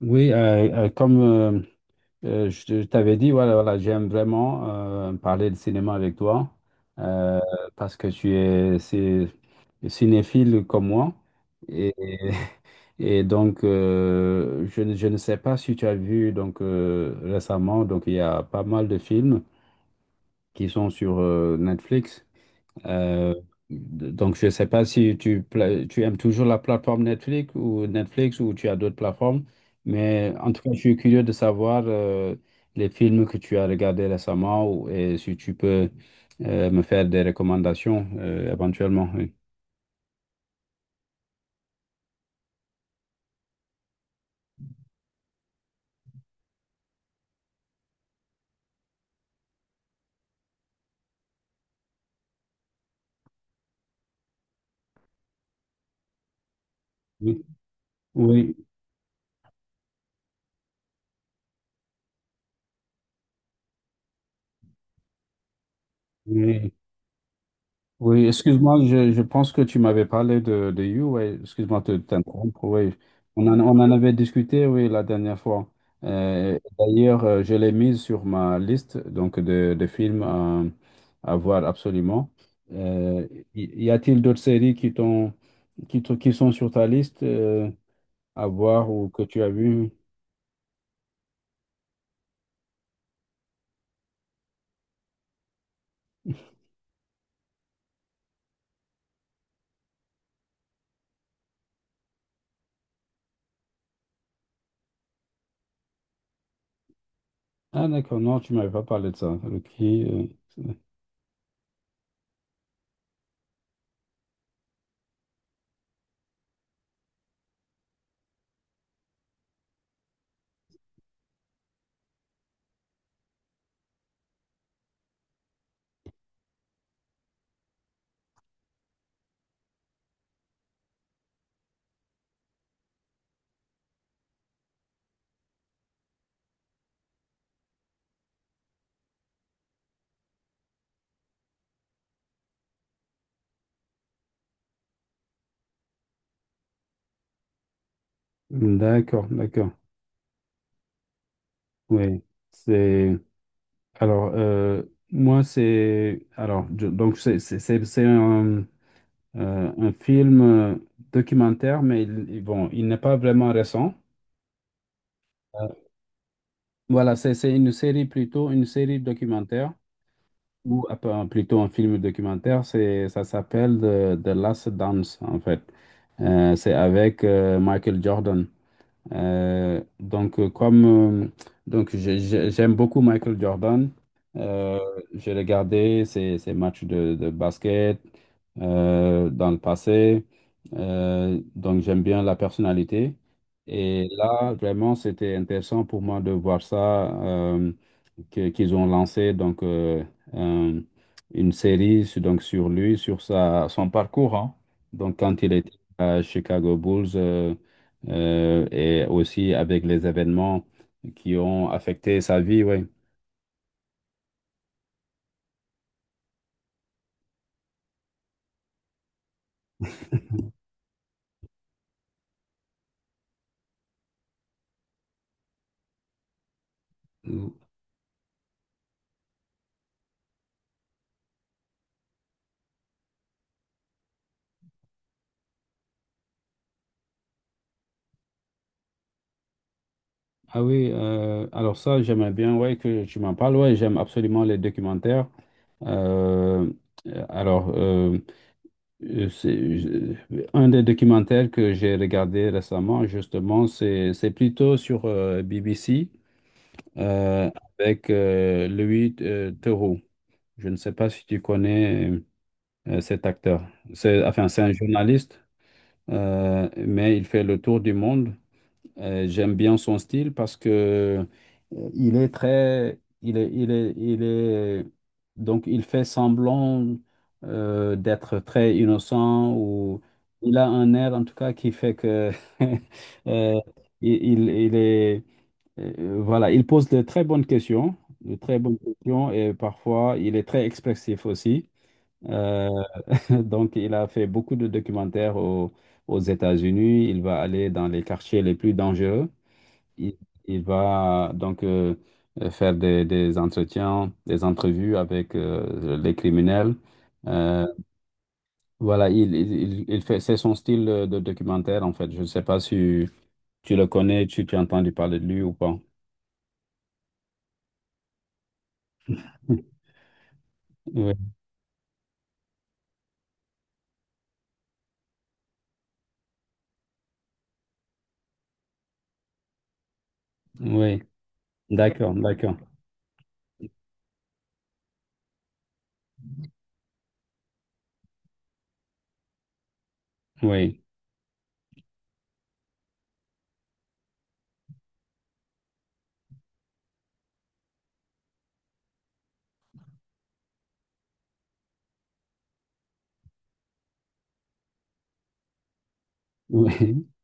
Oui, comme je te- je t'avais dit, voilà, voilà, j'aime vraiment parler de cinéma avec toi euh, parce que tu es cinéphile comme moi. Et, Et donc, je ne sais pas si tu as vu donc, récemment, donc, il y a pas mal de films qui sont sur Netflix. Euh, donc, je ne sais pas si tu aimes toujours la plateforme Netflix ou Netflix ou tu as d'autres plateformes, mais en tout cas, je suis curieux de savoir les films que tu as regardés récemment et si tu peux me faire des recommandations éventuellement. Oui, oui, oui. Oui, excuse-moi, je pense que tu m'avais parlé de You, ouais, excuse-moi de t'interrompre, oui. On en avait discuté, oui, la dernière fois. D'ailleurs, je l'ai mise sur ma liste donc de films à voir absolument. Euh, y y a-t-il d'autres séries qui t'ont, qui, te- qui sont sur ta liste à voir ou que tu as vu? Ah, d'accord, non, tu m'avais pas parlé de ça. Ok, d'accord, d'accord, oui. C'est... Alors, moi, c'est. Alors, c'est un film documentaire, mais il bon, il n'est pas vraiment récent. Euh, voilà, c'est une série plutôt, une série documentaire, ou plutôt un film documentaire. C'est, ça s'appelle The Last Dance, en fait. C'est avec Michael Jordan. Donc, comme euh, donc j'ai- J'aime beaucoup Michael Jordan, euh, j'ai regardé ses matchs de basket dans le passé. J'aime bien la personnalité. Et là, vraiment, c'était intéressant pour moi de voir ça euh, qu'ils ont lancé donc euh, une série donc sur lui, sur sa son parcours, hein. Donc quand il était à Chicago Bulls, et aussi avec les événements qui ont affecté sa vie, ouais. Mm. Ah oui, alors ça j'aimerais bien ouais que tu m'en parles. Ouais, j'aime absolument les documentaires. Euh, alors euh, Euh, C'est, je- un des documentaires que j'ai regardé récemment, justement, c'est plutôt sur BBC euh, avec Louis Theroux. Je ne sais pas si tu connais cet acteur. C'est, enfin, c'est un journaliste, mais il fait le tour du monde. J'aime bien son style parce que il est très, il est, il est, il est, donc il fait semblant d'être très innocent ou il a un air en tout cas qui fait que euh, il, il il est, voilà, il pose de très bonnes questions, de très bonnes questions et parfois il est très expressif aussi. Euh, donc il a fait beaucoup de documentaires aux États-Unis. Il va aller dans les quartiers les plus dangereux. Il, il va donc faire des entretiens, des entrevues avec les criminels. Euh, il fait, c'est son style de documentaire en fait. Je ne sais pas si tu le connais, tu as entendu parler de lui ou pas. Oui, oui, d'accord, d'accord. Oui, oui.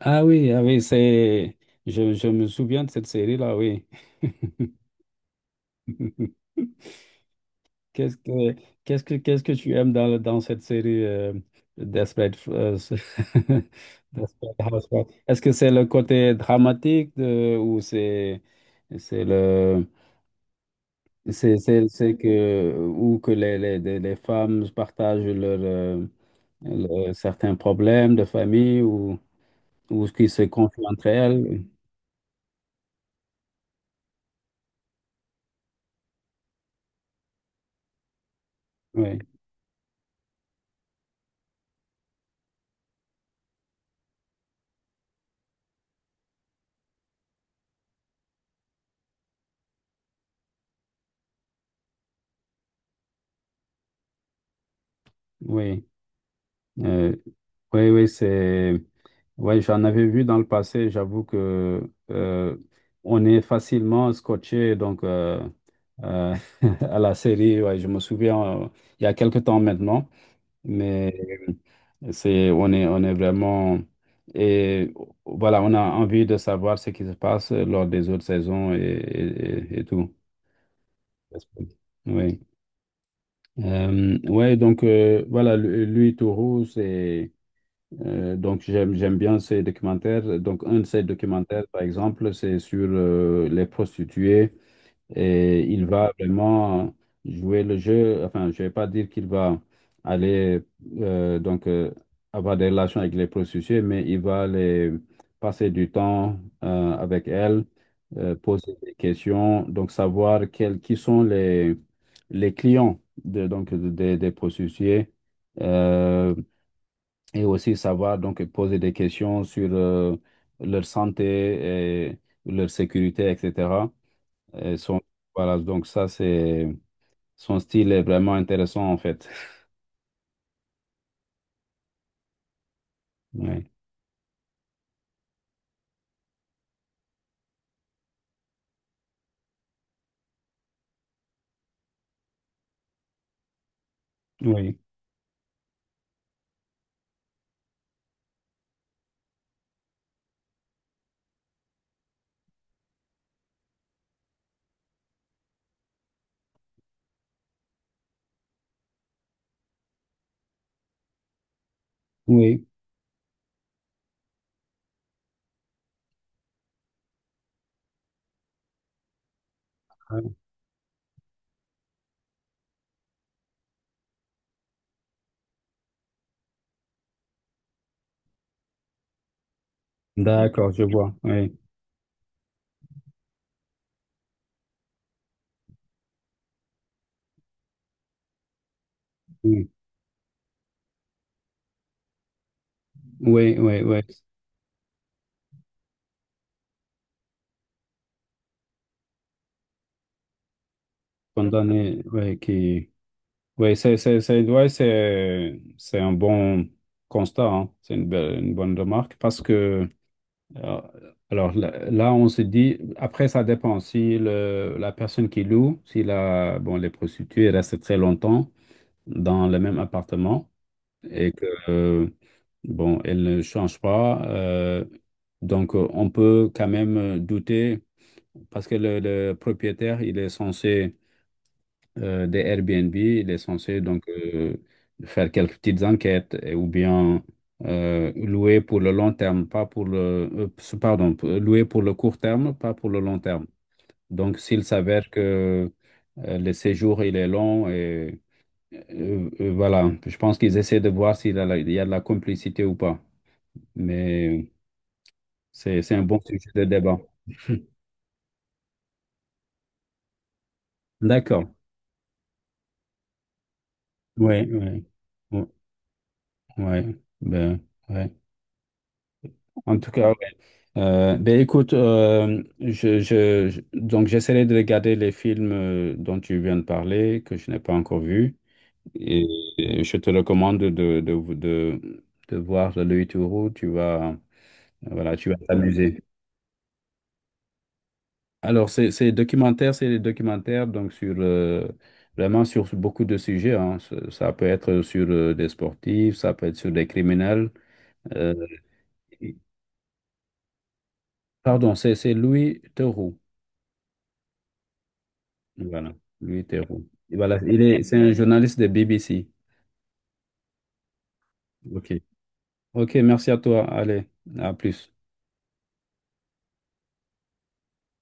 Ah oui, ah oui. c'est. Je me souviens de cette série-là, oui. Qu'est-ce que Qu'est-ce que tu aimes dans cette série, Desperate, Desperate Housewives? Est-ce que c'est le côté dramatique, ou c'est le c'est que ou que les femmes partagent leurs certains problèmes de famille ou qui se confient entre elles? Oui, oui. Euh, oui, oui, c'est. Ouais, j'en avais vu dans le passé. J'avoue que euh, on est facilement scotché donc euh, à la série. Ouais, je me souviens, il y a quelque temps maintenant, mais c'est on est vraiment et voilà, on a envie de savoir ce qui se passe lors des autres saisons et tout. Oui. Voilà, lui, Tourou, c'est, donc j'aime bien ces documentaires. Donc un de ces documentaires, par exemple, c'est sur les prostituées et il va vraiment jouer le jeu. Enfin, je vais pas dire qu'il va aller euh, donc euh, avoir des relations avec les prostituées, mais il va les passer du temps avec elles, poser des questions, donc savoir quels qui sont les clients de, des prostituées. Euh, et aussi savoir donc poser des questions sur leur santé et leur sécurité, etc. Et son- voilà, donc ça, c'est son style est vraiment intéressant en fait. Oui, oui, oui. D'accord, je vois. Oui, oui, oui, oui, oui. Condamné, oui, qui. Oui, c'est un bon constat, hein. C'est une, une bonne remarque parce que. Euh, Alors là, là, on se dit, après, ça dépend. Si la personne qui loue, si la, bon, les prostituées restent très longtemps dans le même appartement et que, bon, elles ne changent pas, on peut quand même douter parce que le propriétaire, il est censé, des Airbnb, il est censé faire quelques petites enquêtes, ou bien louer pour le long terme, pas pour le pardon, louer pour le court terme, pas pour le long terme. Donc s'il s'avère que le séjour il est long et voilà, je pense qu'ils essaient de voir s'il y a, il y a de la complicité ou pas. Mais c'est un bon sujet de débat. D'accord. Oui, oui. Oui, oui. Ben, ouais. En tout cas, ouais. Ben écoute, donc j'essaierai de regarder les films dont tu viens de parler, que je n'ai pas encore vus. Et, et je te recommande de voir Le Louis Tourou, tu vas, voilà, tu vas t'amuser. Alors, ces documentaires, c'est des documentaires donc sur, vraiment sur beaucoup de sujets, hein. Ça peut être sur des sportifs, ça peut être sur des criminels. Euh, Pardon, c'est Louis Tourou. Voilà, Louis Theroux. Et voilà, il est, c'est un journaliste de BBC. OK. OK, merci à toi. Allez, à plus.